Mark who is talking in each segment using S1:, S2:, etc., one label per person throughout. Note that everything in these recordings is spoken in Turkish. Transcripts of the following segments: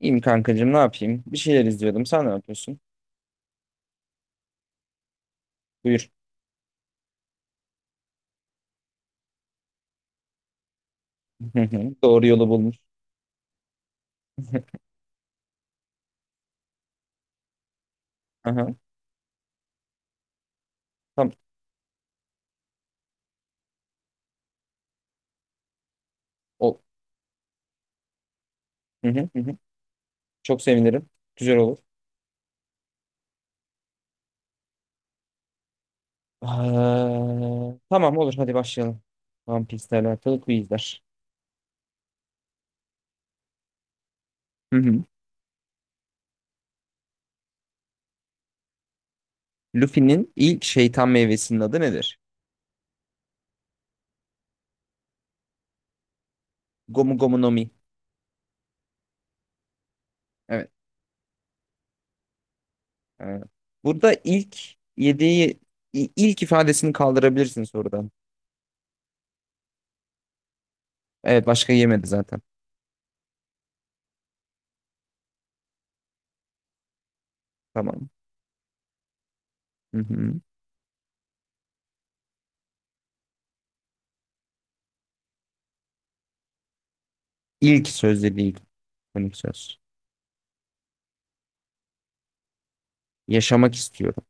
S1: İyiyim kankacığım, ne yapayım? Bir şeyler izliyordum. Sen ne yapıyorsun? Buyur. Hı hı, doğru yolu bulmuş. Aha, tam o. Hı hı, hı hı. Çok sevinirim. Güzel olur. Aa, tamam olur, hadi başlayalım. One Piece'le alakalı quizler. Hı hı. Luffy'nin ilk şeytan meyvesinin adı nedir? Gomu Gomu no Mi. Evet. Ee, Burada yediği ilk ifadesini kaldırabilirsin sorudan. Evet, başka yemedi zaten. Tamam. Hı hı. İlk söz dediği ilk. Konik söz. Yaşamak istiyorum.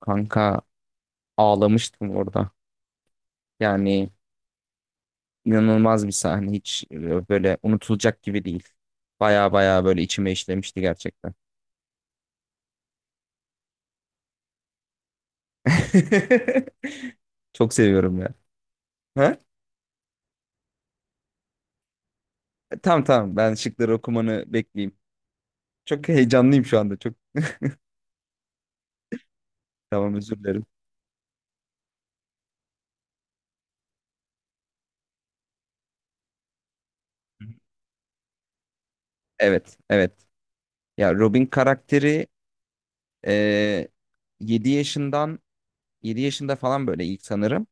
S1: Kanka, ağlamıştım orada. Yani inanılmaz bir sahne. Böyle unutulacak gibi değil. Baya baya böyle içime işlemişti gerçekten. Çok seviyorum ya. Ha? Tamam, ben şıkları okumanı bekleyeyim. Çok heyecanlıyım şu anda. Tamam, özür dilerim. Evet. Ya, Robin karakteri, e, 7 yaşından 7 yaşında falan böyle ilk sanırım.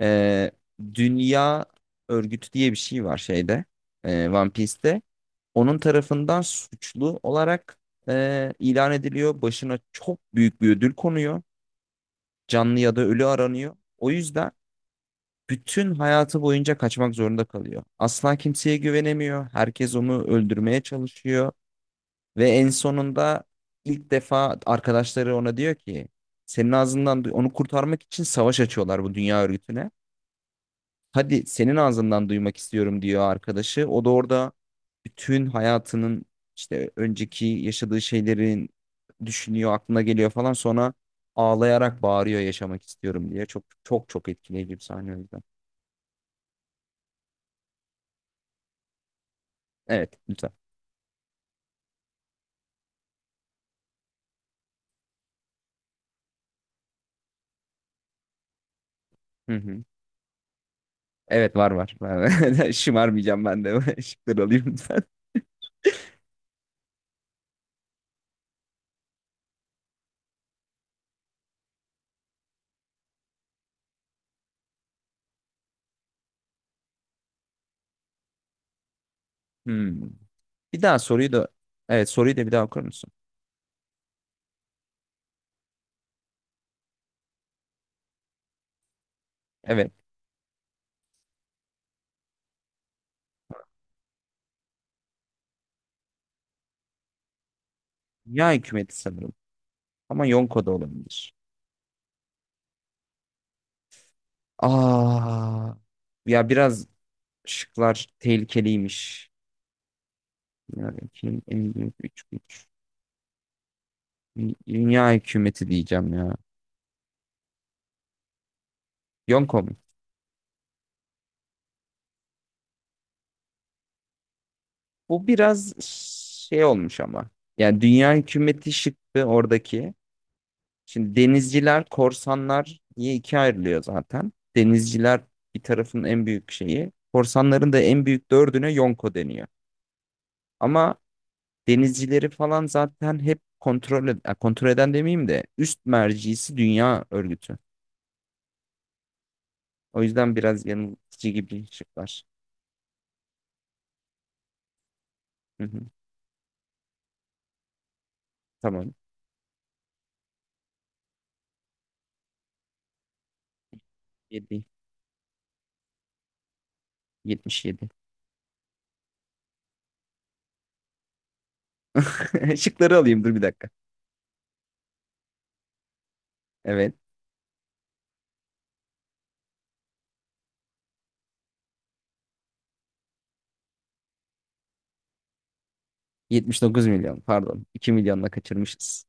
S1: Ee, Dünya Örgütü diye bir şey var şeyde, One Piece'te. Onun tarafından suçlu olarak ilan ediliyor. Başına çok büyük bir ödül konuyor. Canlı ya da ölü aranıyor. O yüzden bütün hayatı boyunca kaçmak zorunda kalıyor. Asla kimseye güvenemiyor. Herkes onu öldürmeye çalışıyor. Ve en sonunda ilk defa arkadaşları ona diyor ki senin ağzından onu kurtarmak için savaş açıyorlar bu dünya örgütüne. Hadi senin ağzından duymak istiyorum, diyor arkadaşı. O da orada bütün hayatının, işte önceki yaşadığı şeylerin düşünüyor, aklına geliyor falan. Sonra ağlayarak bağırıyor yaşamak istiyorum diye. Çok çok çok etkileyici bir sahne, o yüzden. Evet, lütfen. Hı hı. Evet var, var, var. Şımarmayacağım ben de. Şıkları alayım lütfen. Hmm. Bir daha soruyu da, evet soruyu da bir daha okur musun? Evet. Ya, hükümeti sanırım. Ama Yonko da olabilir. Aa, ya biraz şıklar tehlikeliymiş. Dünya ülkenin en büyük üç güç. Dünya hükümeti diyeceğim ya. Yonko mu? Bu biraz şey olmuş ama. Yani dünya hükümeti şıktı oradaki. Şimdi denizciler, korsanlar diye ikiye ayrılıyor zaten. Denizciler bir tarafın en büyük şeyi. Korsanların da en büyük dördüne Yonko deniyor. Ama denizcileri falan zaten hep ya kontrol eden demeyeyim de üst mercisi dünya örgütü. O yüzden biraz yanıltıcı gibi şıklar. Hı hı. Tamam. 7. 77. Şıkları alayım, dur bir dakika. Evet. 79 milyon, pardon. 2 milyonla kaçırmışız.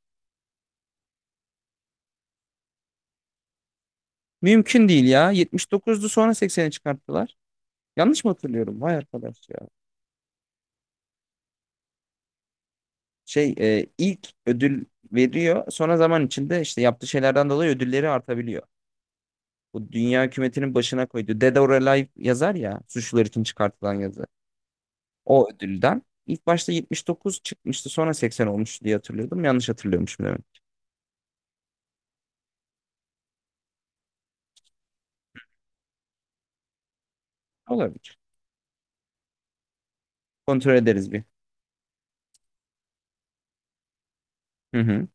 S1: Mümkün değil ya. 79'du, sonra 80'e çıkarttılar. Yanlış mı hatırlıyorum? Vay arkadaş ya. İlk ödül veriyor. Sonra zaman içinde işte yaptığı şeylerden dolayı ödülleri artabiliyor. Bu dünya hükümetinin başına koydu. Dead or Alive yazar ya. Suçlular için çıkartılan yazı. O ödülden. İlk başta 79 çıkmıştı, sonra 80 olmuş diye hatırlıyordum. Yanlış hatırlıyormuşum demek. Olabilir. Kontrol ederiz bir. Hı hı.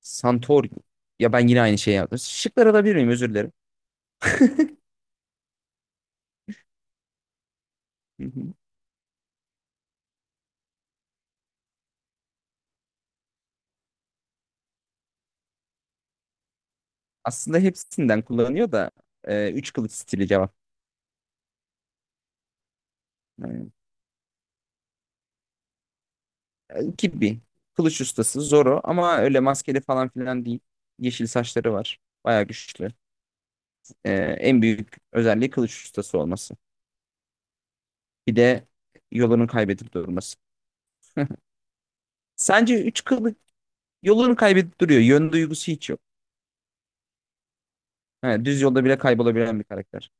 S1: Santorini. Ya ben yine aynı şeyi yaptım. Şıkları alabilir miyim? Özür dilerim. Hı hı. Aslında hepsinden kullanıyor da, üç kılıç stili cevap. Gibi. Kılıç ustası Zoro, ama öyle maskeli falan filan değil. Yeşil saçları var. Bayağı güçlü. En büyük özelliği kılıç ustası olması. Bir de yolunu kaybedip durması. Sence üç kılıç Yolunu kaybedip duruyor. Yön duygusu hiç yok. Ha, düz yolda bile kaybolabilen bir karakter.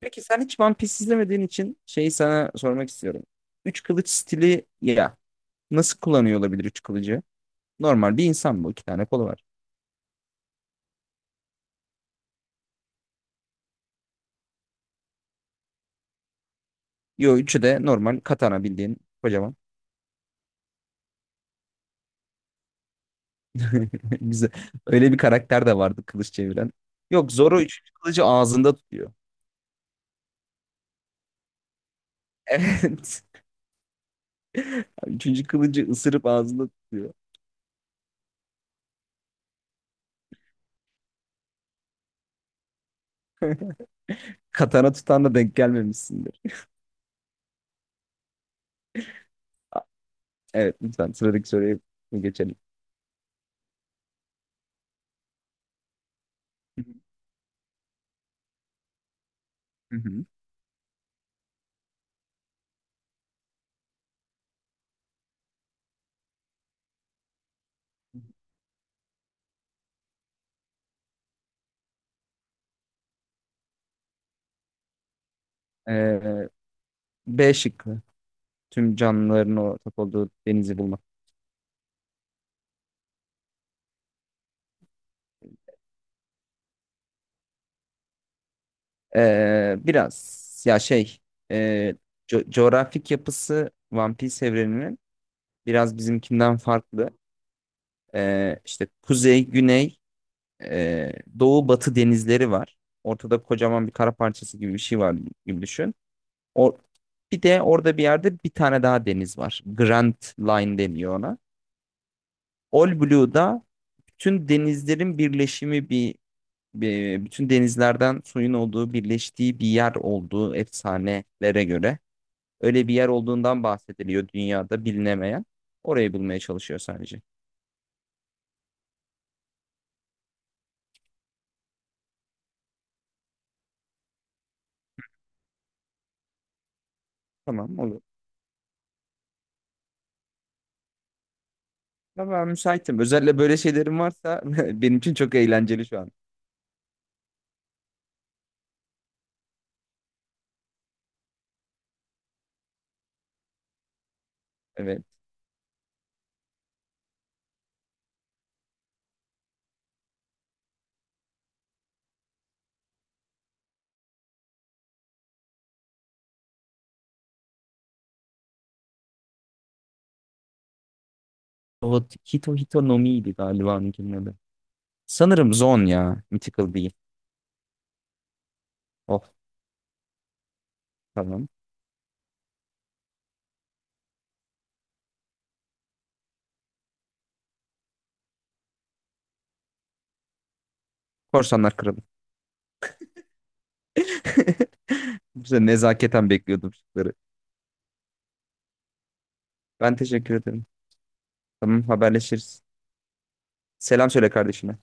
S1: Peki sen hiç One Piece izlemediğin için şeyi sana sormak istiyorum. Üç kılıç stili ya, nasıl kullanıyor olabilir üç kılıcı? Normal bir insan bu. İki tane kolu var. Yo, üçü de normal katana, bildiğin kocaman. Güzel. Öyle bir karakter de vardı kılıç çeviren. Yok, Zoro üçüncü kılıcı ağzında tutuyor. Evet. Üçüncü kılıcı ısırıp ağzında tutuyor. Katana tutan da denk gelmemişsindir. Evet, lütfen sıradaki soruya geçelim. Hı hı. Ee, B şıkkı. Tüm canlıların ortak olduğu denizi bulmak. Biraz ya şey e, co- Coğrafik yapısı One Piece evreninin biraz bizimkinden farklı. İşte kuzey, güney, e, doğu, batı denizleri var. Ortada kocaman bir kara parçası gibi bir şey var gibi düşün. O, bir de orada bir yerde bir tane daha deniz var. Grand Line deniyor ona. All Blue'da bütün denizlerin birleşimi bir, bütün denizlerden suyun olduğu birleştiği bir yer olduğu efsanelere göre öyle bir yer olduğundan bahsediliyor dünyada bilinemeyen. Orayı bulmaya çalışıyor sadece. Tamam, olur. Ya ben müsaitim. Özellikle böyle şeylerim varsa benim için çok eğlenceli şu an. Evet. O Hito Hito no Mi'ydi galiba onunkinin adı. Sanırım Zon ya. Mythical değil. Oh, tamam. Korsanlar Kralı. Bize nezaketen bekliyordum şıkları. Ben teşekkür ederim. Tamam, haberleşiriz. Selam söyle kardeşine.